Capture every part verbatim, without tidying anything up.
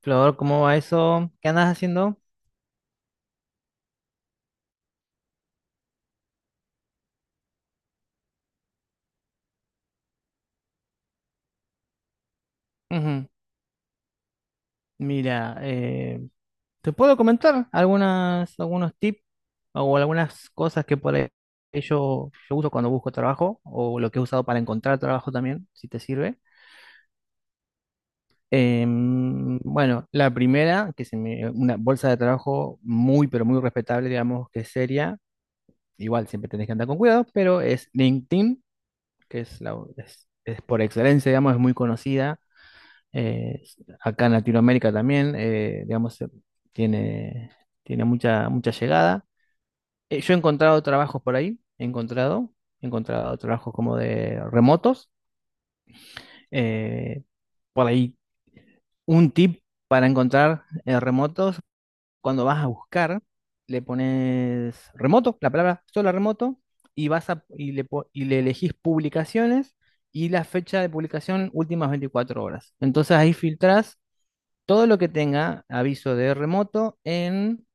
Flor, ¿cómo va eso? ¿Qué andas haciendo? Ujú. Mira, eh, te puedo comentar algunas, algunos tips o algunas cosas que por ahí yo, yo uso cuando busco trabajo o lo que he usado para encontrar trabajo también, si te sirve. Em, bueno, la primera, que es una bolsa de trabajo muy, pero muy respetable, digamos que es seria, igual siempre tenés que andar con cuidado, pero es LinkedIn, que es, la, es es por excelencia, digamos, es muy conocida. Eh, acá en Latinoamérica también, eh, digamos, eh, tiene, tiene mucha, mucha llegada. Eh, yo he encontrado trabajos por ahí, he encontrado, he encontrado trabajos como de remotos. Eh, por ahí, un tip para encontrar eh, remotos, cuando vas a buscar, le pones remoto, la palabra sola remoto, y vas a, y le, po- y le elegís publicaciones y la fecha de publicación últimas veinticuatro horas. Entonces ahí filtrás todo lo que tenga aviso de remoto en,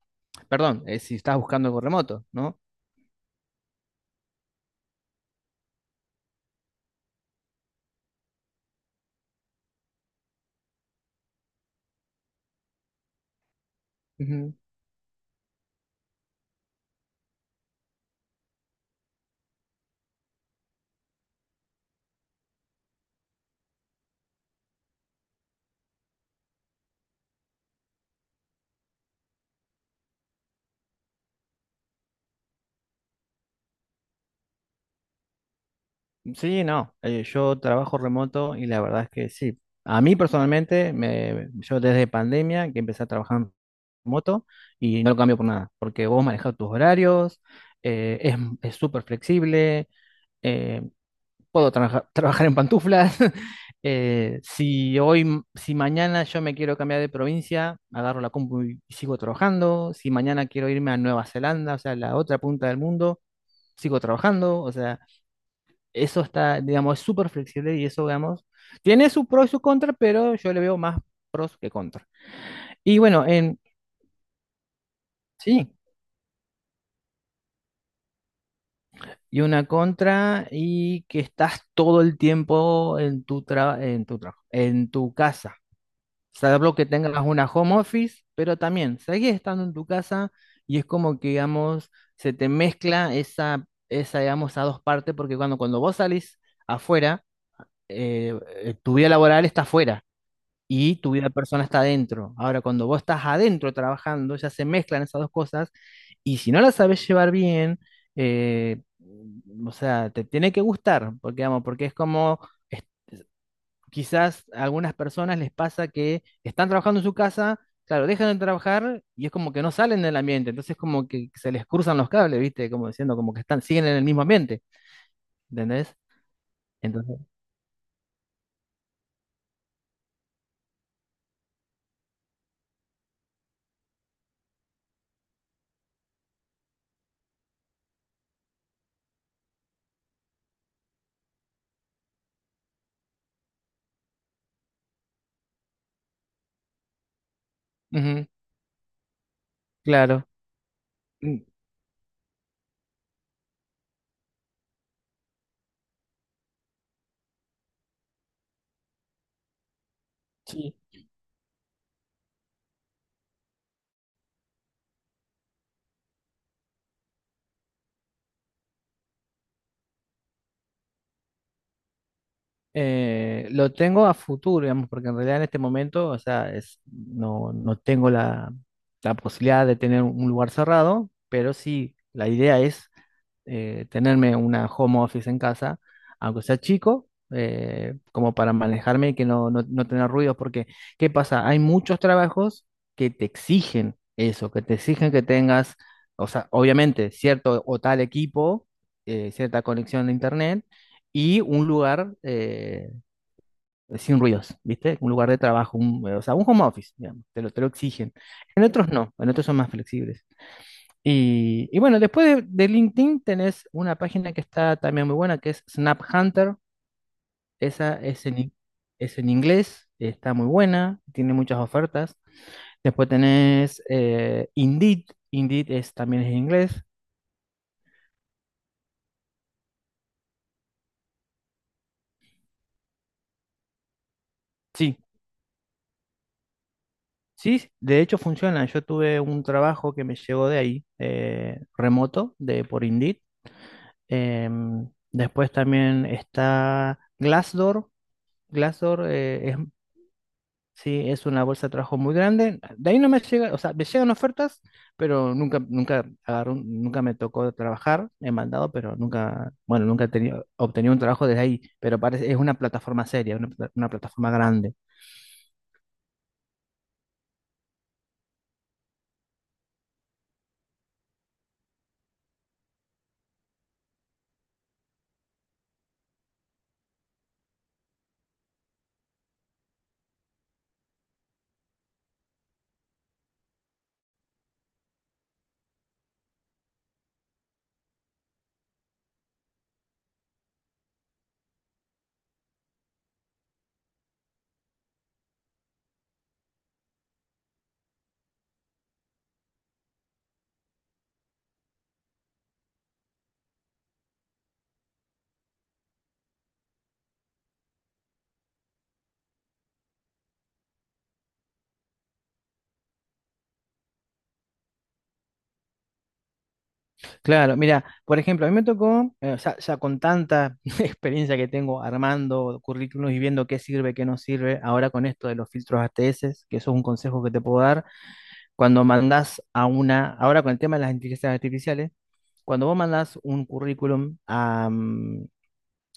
perdón, eh, si estás buscando algo remoto, ¿no? Ujú. Sí, no, eh, yo trabajo remoto y la verdad es que sí. A mí personalmente, me, yo desde pandemia que empecé a trabajar remoto y no lo cambio por nada, porque vos manejas tus horarios, eh, es es súper flexible. eh, puedo traja- trabajar en pantuflas. Eh, si hoy, si mañana yo me quiero cambiar de provincia, agarro la compu y sigo trabajando. Si mañana quiero irme a Nueva Zelanda, o sea, la otra punta del mundo, sigo trabajando. O sea, eso está, digamos, es súper flexible y eso, digamos, tiene su pro y su contra, pero yo le veo más pros que contra. Y bueno, en, sí, y una contra y que estás todo el tiempo en tu tra- en tu trabajo, en tu casa. Salvo que tengas una home office, pero también seguís estando en tu casa y es como que, digamos, se te mezcla esa, esa digamos, a dos partes, porque cuando, cuando vos salís afuera, eh, eh, tu vida laboral está afuera y tu vida personal está adentro. Ahora, cuando vos estás adentro trabajando, ya se mezclan esas dos cosas y si no las sabes llevar bien, eh, o sea, te tiene que gustar, porque, digamos, porque es como quizás a algunas personas les pasa que están trabajando en su casa, claro, dejan de trabajar y es como que no salen del ambiente, entonces como que se les cruzan los cables, ¿viste? Como diciendo, como que están, siguen en el mismo ambiente, ¿entendés? Entonces, ujú, claro. Mm. Sí. Eh, lo tengo a futuro, digamos, porque en realidad en este momento, o sea, es, no, no tengo la, la posibilidad de tener un lugar cerrado, pero sí, la idea es eh, tenerme una home office en casa, aunque sea chico, eh, como para manejarme y que no, no, no tener ruidos, porque ¿qué pasa? Hay muchos trabajos que te exigen eso, que te exigen que tengas, o sea, obviamente, cierto o tal equipo, eh, cierta conexión de internet. Y un lugar eh, sin ruidos, ¿viste? Un lugar de trabajo, un- o sea, un home office, digamos, te lo, te lo exigen. En otros no, en otros son más flexibles. Y, y bueno, después de, de LinkedIn tenés una página que está también muy buena, que es Snap Hunter. Esa es en, in- es en inglés, está muy buena, tiene muchas ofertas. Después tenés eh, Indeed. Indeed es, también es en inglés. Sí, sí, de hecho funciona. Yo tuve un trabajo que me llegó de ahí, eh, remoto, de, por Indeed. Em, después también está Glassdoor. Glassdoor eh, es. Sí, es una bolsa de trabajo muy grande. De ahí no me llega, o sea, me llegan ofertas, pero nunca, nunca agarro un- nunca me tocó trabajar, he mandado, pero nunca, bueno, nunca he tenido, obtenido un trabajo desde ahí, pero parece, es una plataforma seria, una, pla- una plataforma grande. Claro, mira, por ejemplo, a mí me tocó, eh, o sea, ya con tanta experiencia que tengo armando currículos y viendo qué sirve, qué no sirve, ahora con esto de los filtros A T S, que eso es un consejo que te puedo dar. Cuando mandas a una, ahora con el tema de las inteligencias artificiales, cuando vos mandás un currículum a mm,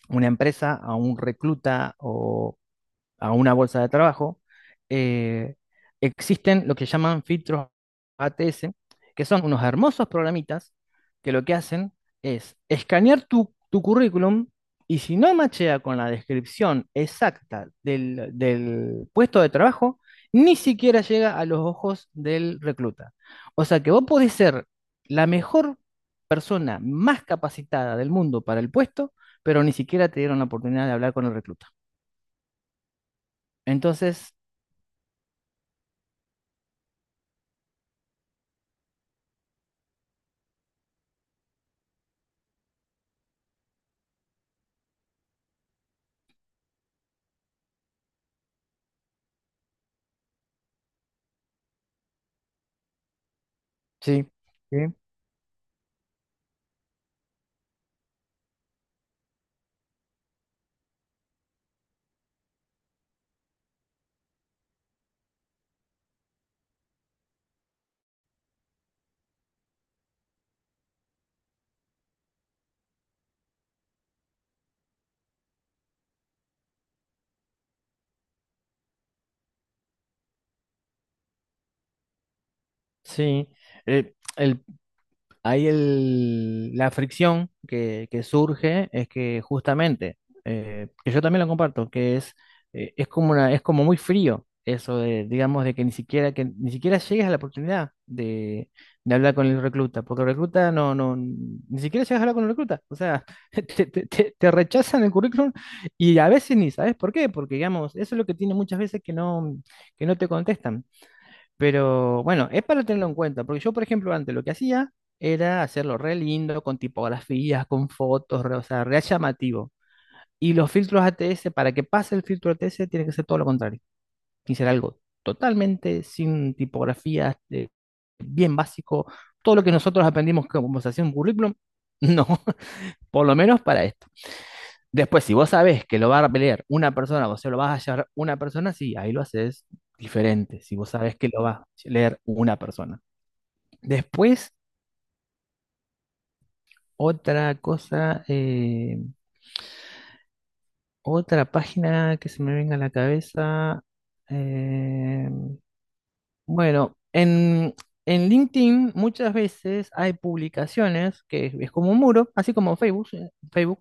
una empresa, a un recluta o a una bolsa de trabajo, eh, existen lo que llaman filtros A T S, que son unos hermosos programitas que lo que hacen es escanear tu, tu currículum y si no machea con la descripción exacta del, del puesto de trabajo, ni siquiera llega a los ojos del recluta. O sea que vos podés ser la mejor persona más capacitada del mundo para el puesto, pero ni siquiera te dieron la oportunidad de hablar con el recluta. Entonces, sí. ¿Sí? Sí. El, el- ahí el, la fricción que, que surge es que justamente, eh, que yo también lo comparto, que es, eh, es como una, es como muy frío eso de, digamos, de que ni siquiera, que ni siquiera llegues a la oportunidad de, de hablar con el recluta, porque el recluta no, no, ni siquiera llegas a hablar con el recluta. O sea, te, te, te- te rechazan el currículum y a veces ni sabes por qué, porque digamos, eso es lo que tiene muchas veces que no, que no te contestan. Pero bueno, es para tenerlo en cuenta, porque yo, por ejemplo, antes lo que hacía era hacerlo re lindo, con tipografías, con fotos, re- o sea, re llamativo. Y los filtros A T S, para que pase el filtro A T S, tiene que ser todo lo contrario. Y ser algo totalmente sin tipografías, eh, bien básico. Todo lo que nosotros aprendimos como se hacía un currículum, no, por lo menos para esto. Después, si vos sabés que lo va a leer una persona, vos se lo vas a llevar una persona, sí, ahí lo haces diferente. Si vos sabés que lo va a leer una persona. Después, otra cosa, eh, otra página que se me venga a la cabeza. eh, bueno, en, en LinkedIn muchas veces hay publicaciones que es, es como un muro, así como Facebook, eh, Facebook,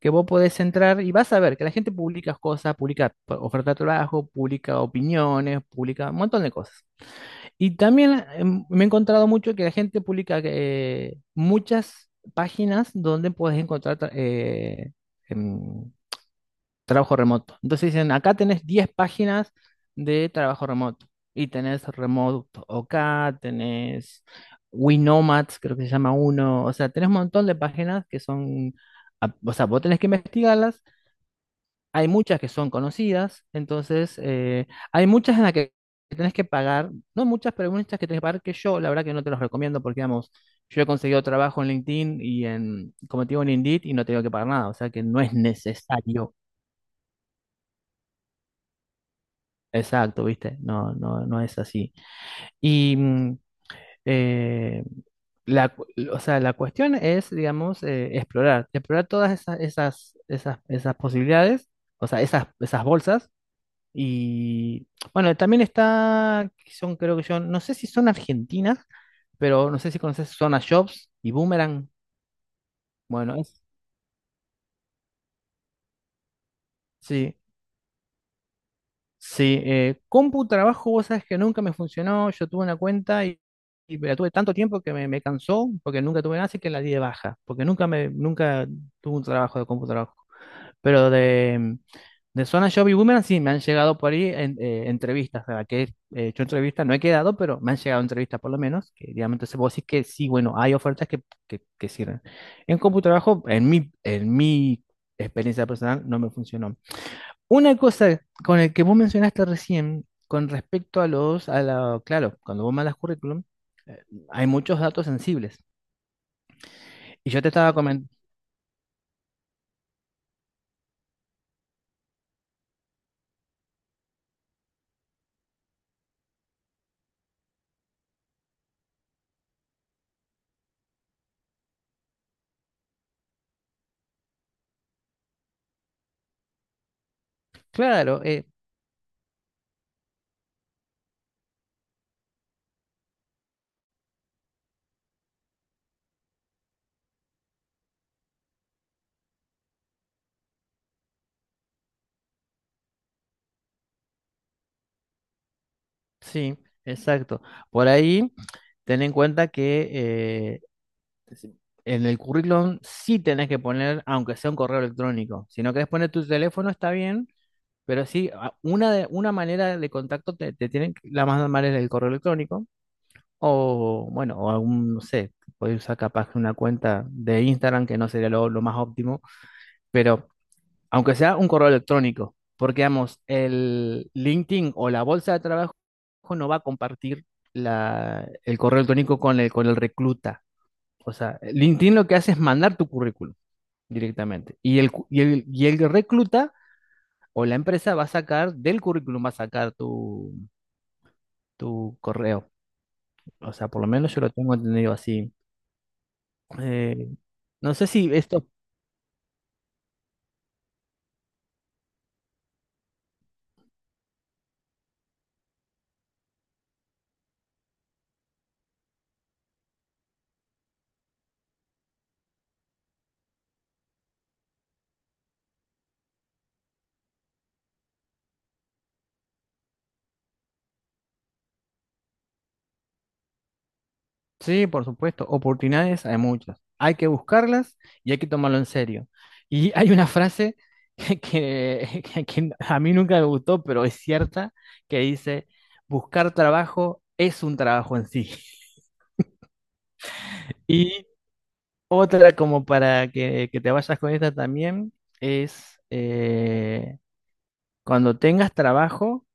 que vos podés entrar y vas a ver que la gente publica cosas, publica p- oferta de trabajo, publica opiniones, publica un montón de cosas. Y también eh, me he encontrado mucho que la gente publica eh, muchas páginas donde puedes encontrar tra- eh, em, trabajo remoto. Entonces dicen, acá tenés diez páginas de trabajo remoto. Y tenés Remote OK, tenés Winomads, creo que se llama uno. O sea, tenés un montón de páginas que son, a- o sea, vos tenés que investigarlas. Hay muchas que son conocidas, entonces eh, hay muchas en las que tenés que pagar, no muchas, pero hay muchas que tenés que pagar que yo, la verdad que no te los recomiendo porque, digamos, yo he conseguido trabajo en LinkedIn y en, como te digo, en Indeed y no tengo que pagar nada, o sea que no es necesario. Exacto, ¿viste? No, no, no es así. Y mm, eh, la, cu- o sea, la cuestión es, digamos, eh, explorar, explorar todas esas, esas, esas, esas posibilidades, o sea, esas, esas bolsas. Y bueno, también está, que son creo que yo, no sé si son argentinas, pero no sé si conoces Zona Jobs y Boomerang. Bueno, es- sí, sí. eh, Compu Trabajo, vos sabes que nunca me funcionó. Yo tuve una cuenta y, y la tuve tanto tiempo que me, me cansó, porque nunca tuve nada, así que la di de baja, porque nunca me, nunca tuve un trabajo de Compu Trabajo. Pero de, de Zona Job y Boomerang sí, me han llegado por ahí en- eh, entrevistas, o que he hecho entrevistas, no he quedado, pero me han llegado entrevistas por lo menos, que digamos, entonces vos decís que sí, bueno, hay ofertas que, que, que sirven. En CompuTrabajo, en mi, en mi experiencia personal, no me funcionó. Una cosa con el que vos mencionaste recién, con respecto a los, a la, claro, cuando vos mandas currículum, eh, hay muchos datos sensibles. Y yo te estaba comentando, claro, eh, sí, exacto. Por ahí... Ten en cuenta que eh, si- En el currículum sí tenés que poner, aunque sea un correo electrónico. Si no querés poner tu teléfono, está bien, pero sí, a- una, de, una manera de contacto te, te tienen, que- la más normal es el correo electrónico, o bueno, o algún, no sé, podés usar capaz una cuenta de Instagram, que no sería lo, lo más óptimo, pero aunque sea un correo electrónico, porque vamos, el LinkedIn o la bolsa de trabajo no va a compartir la, el correo electrónico con el, con el recluta. O sea, LinkedIn lo que hace es mandar tu currículum directamente. Y el, cu- y el, Y el recluta o la empresa va a sacar, del currículum va a sacar tu, tu correo. O sea, por lo menos yo lo tengo entendido así. Eh, no sé si esto. Sí, por supuesto, oportunidades hay muchas. Hay que buscarlas y hay que tomarlo en serio. Y hay una frase que, que que a mí nunca me gustó, pero es cierta, que dice, buscar trabajo es un trabajo en sí. Y otra como para que, que te vayas con esta también es eh, cuando tengas trabajo,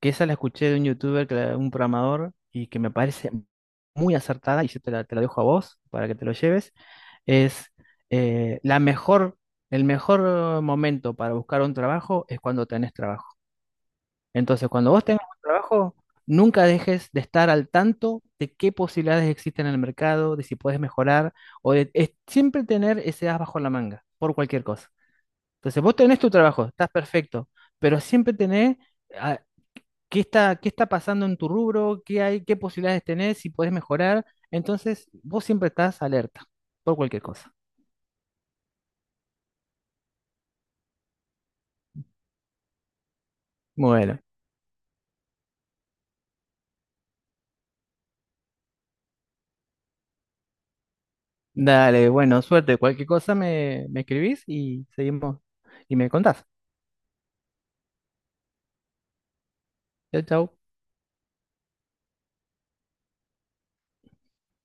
que esa la escuché de un youtuber, que la- un programador, y que me parece muy acertada, y yo te la, te la dejo a vos para que te lo lleves, es eh, la mejor, el mejor momento para buscar un trabajo es cuando tenés trabajo. Entonces, cuando vos tengas un trabajo, nunca dejes de estar al tanto de qué posibilidades existen en el mercado, de si puedes mejorar, o de es siempre tener ese as bajo la manga por cualquier cosa. Entonces, vos tenés tu trabajo, estás perfecto, pero siempre tenés ah, qué está, qué está pasando en tu rubro, qué hay, qué posibilidades tenés, si puedes mejorar. Entonces, vos siempre estás alerta por cualquier cosa. Bueno, dale, bueno, suerte. Cualquier cosa me, me escribís y seguimos y me contás. Chau. Chao.